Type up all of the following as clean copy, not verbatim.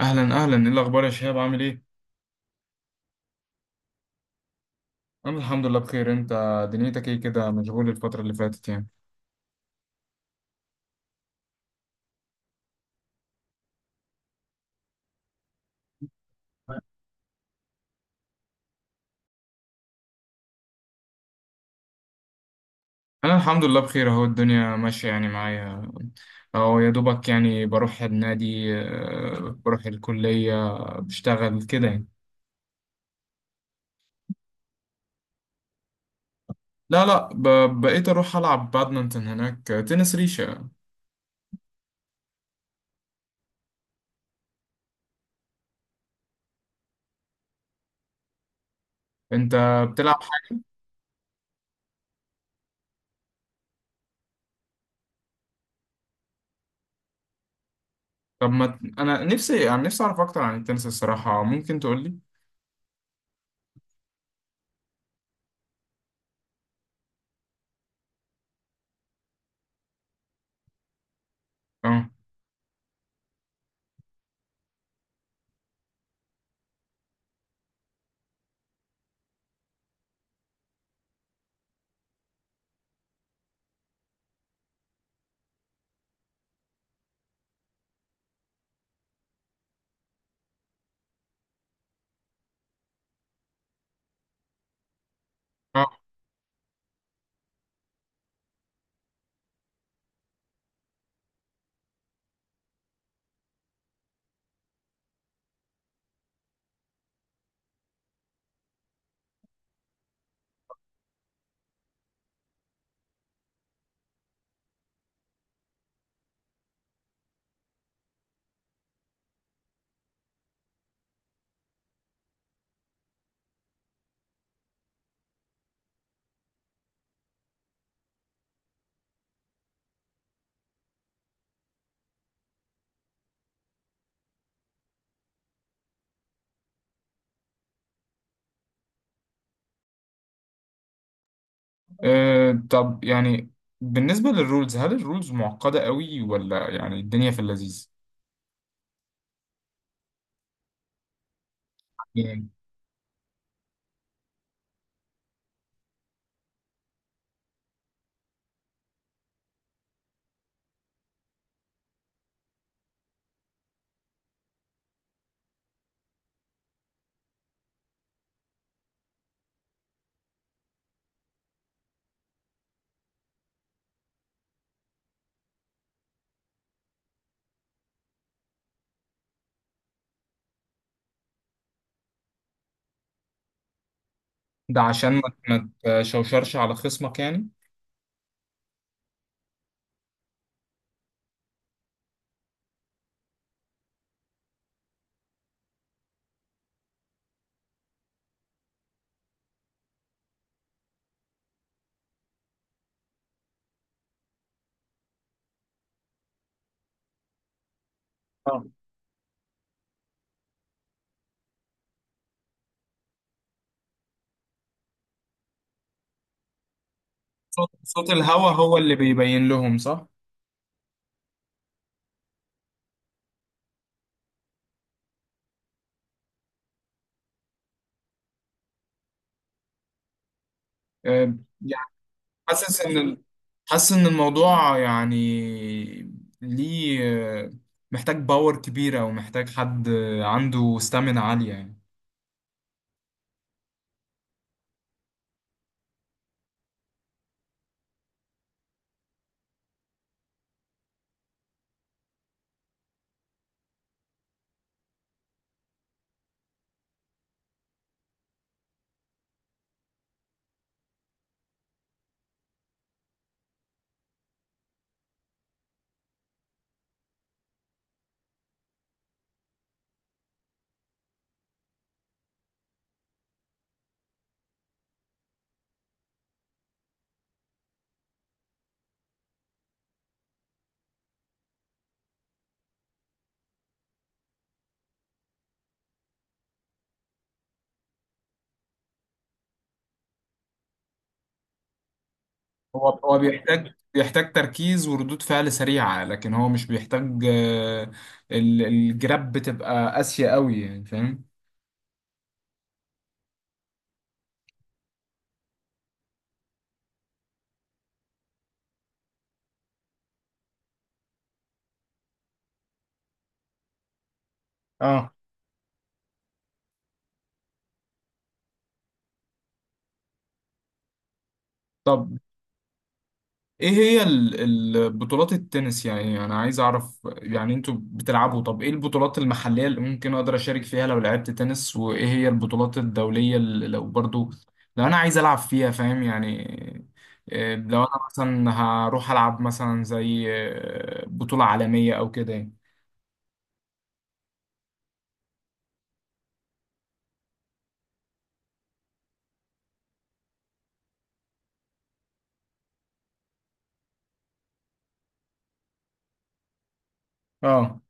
اهلا اهلا، ايه الاخبار يا شهاب؟ عامل ايه؟ انا الحمد لله بخير، انت دنيتك ايه كده؟ مشغول الفتره اللي فاتت يعني؟ انا الحمد لله بخير، اهو الدنيا ماشيه يعني معايا. اهو يا دوبك يعني بروح النادي، بروح الكليه، بشتغل كده يعني. لا لا، بقيت اروح العب بادمنتون هناك، تنس ريشه. انت بتلعب حاجه؟ طب ما ت- انا نفسي، يعني نفسي اعرف اكتر عن التنس الصراحه، ممكن تقول لي؟ اه. أه. أه طب يعني بالنسبة للرولز، هل الرولز معقدة قوي ولا يعني الدنيا في اللذيذ؟ يعني ده عشان ما تشوشرش على خصمك يعني. اه، صوت الهوا هو اللي بيبين لهم، صح؟ أه يعني حاسس حاسس ان الموضوع يعني ليه آه، محتاج باور كبيرة، ومحتاج حد عنده ستامina عالية يعني. هو بيحتاج تركيز وردود فعل سريعة، لكن هو مش بيحتاج، الجراب بتبقى قاسية قوي يعني، فاهم؟ اه طب ايه هي بطولات التنس؟ يعني انا عايز اعرف، يعني انتوا بتلعبوا، طب ايه البطولات المحلية اللي ممكن اقدر اشارك فيها لو لعبت تنس؟ وايه هي البطولات الدولية اللي لو برضو لو انا عايز العب فيها، فاهم يعني؟ لو انا مثلا هروح العب مثلا زي بطولة عالمية او كده يعني. اه.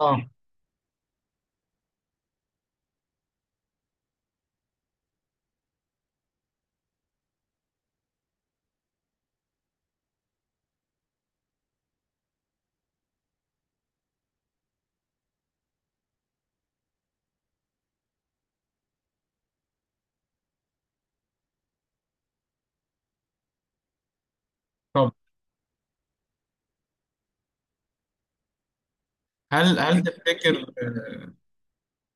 اه طب هل تفتكر،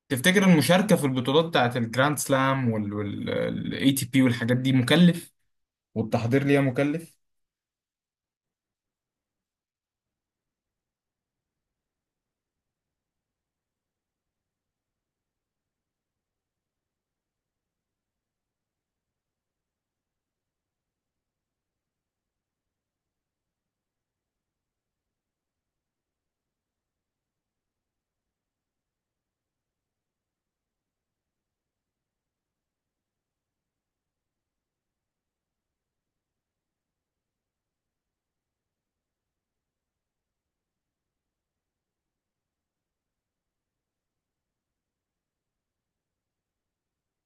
تفتكر المشاركة في البطولات بتاعت الجراند سلام والاي تي بي والحاجات دي مكلف؟ والتحضير ليها مكلف؟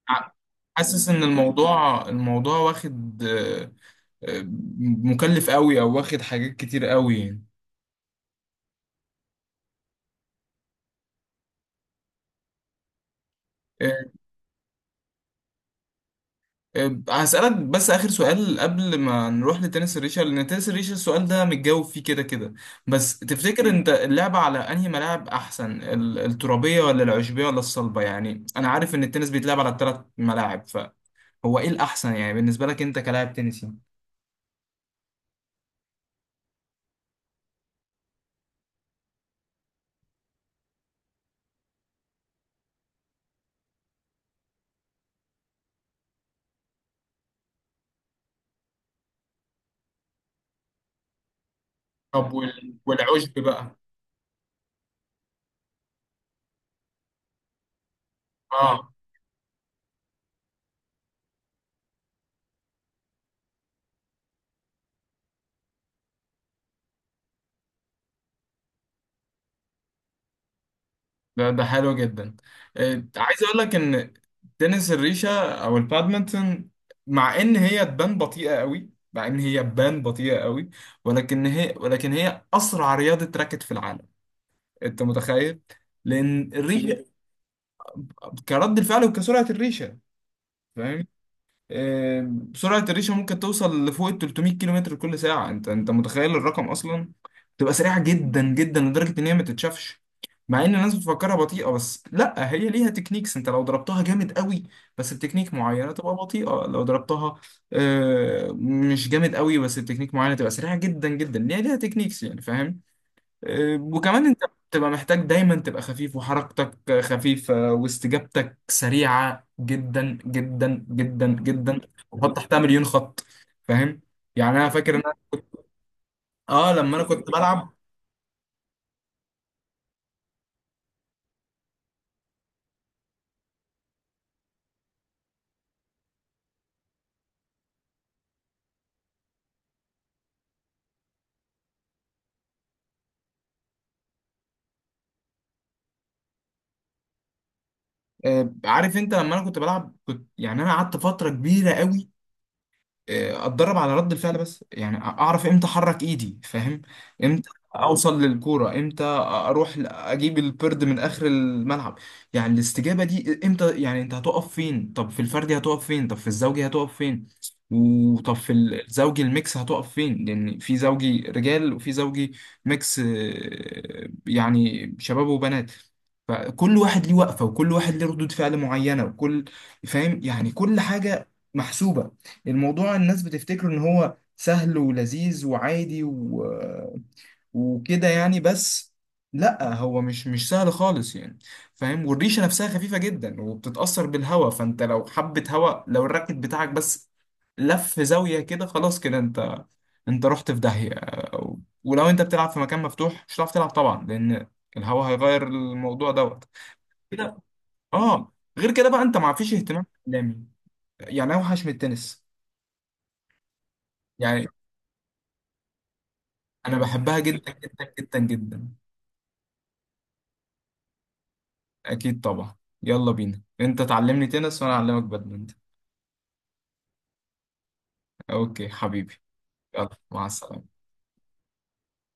ع- حاسس ان الموضوع واخد، آه، مكلف قوي او واخد حاجات كتير قوي يعني. أه، هسألك بس آخر سؤال قبل ما نروح لتنس الريشة، لأن تنس الريشة السؤال ده متجاوب فيه كده كده. بس تفتكر أنت اللعبة على أنهي ملاعب أحسن؟ الترابية ولا العشبية ولا الصلبة؟ يعني أنا عارف إن التنس بيتلعب على الثلاث ملاعب، فهو إيه الأحسن يعني بالنسبة لك أنت كلاعب تنسي؟ طب وال... والعشب بقى؟ اه. ده ده حلو جدا. عايز اقول لك ان تنس الريشه او البادمنتون، مع ان هي تبان بطيئه قوي، ولكن هي، ولكن هي اسرع رياضه راكت في العالم. انت متخيل؟ لان الريشه كرد الفعل وكسرعه الريشه، فاهم؟ آم، سرعة الريشة ممكن توصل لفوق ال 300 كيلو متر كل ساعة. انت متخيل الرقم اصلا؟ تبقى سريعة جدا جدا لدرجة ان هي ما تتشافش. مع ان الناس بتفكرها بطيئة، بس لا، هي ليها تكنيكس. انت لو ضربتها جامد قوي بس بتكنيك معينة تبقى بطيئة، لو ضربتها مش جامد قوي بس بتكنيك معينة تبقى سريعة جدا جدا. ليها، ليها تكنيكس يعني، فاهم؟ وكمان انت بتبقى محتاج دايما تبقى خفيف، وحركتك خفيفة، واستجابتك سريعة جدا جدا جدا جدا، وحط تحتها مليون خط، فاهم يعني؟ انا فاكر ان اه لما انا كنت بلعب، عارف انت لما انا كنت بلعب كنت، يعني انا قعدت فترة كبيرة قوي اتدرب على رد الفعل، بس يعني اعرف امتى احرك ايدي، فاهم؟ امتى اوصل للكوره، امتى اروح اجيب البرد من اخر الملعب، يعني الاستجابه دي امتى، يعني انت هتقف فين، طب في الفردي هتقف فين، طب في الزوجي هتقف فين، وطب في الزوجي الميكس هتقف فين، لان في زوجي رجال، وفي زوجي ميكس، يعني شباب وبنات، فكل واحد ليه وقفه، وكل واحد ليه ردود فعل معينه، وكل، فاهم يعني، كل حاجه محسوبه. الموضوع الناس بتفتكره ان هو سهل ولذيذ وعادي وكده يعني، بس لا، هو مش سهل خالص يعني، فاهم؟ والريشه نفسها خفيفه جدا وبتتاثر بالهواء، فانت لو حبه هواء، لو الراكت بتاعك بس لف زاويه كده، خلاص كده انت، انت رحت في داهيه. و- ولو انت بتلعب في مكان مفتوح مش هتعرف تلعب طبعا، لان الهواء هيغير الموضوع دوت كده. اه، غير كده بقى انت ما فيش اهتمام اعلامي، يعني اوحش من التنس. يعني انا بحبها جدا جدا جدا جدا. اكيد طبعا. يلا بينا، انت تعلمني تنس وانا اعلمك بادمنتون. اوكي حبيبي. يلا، مع السلامة.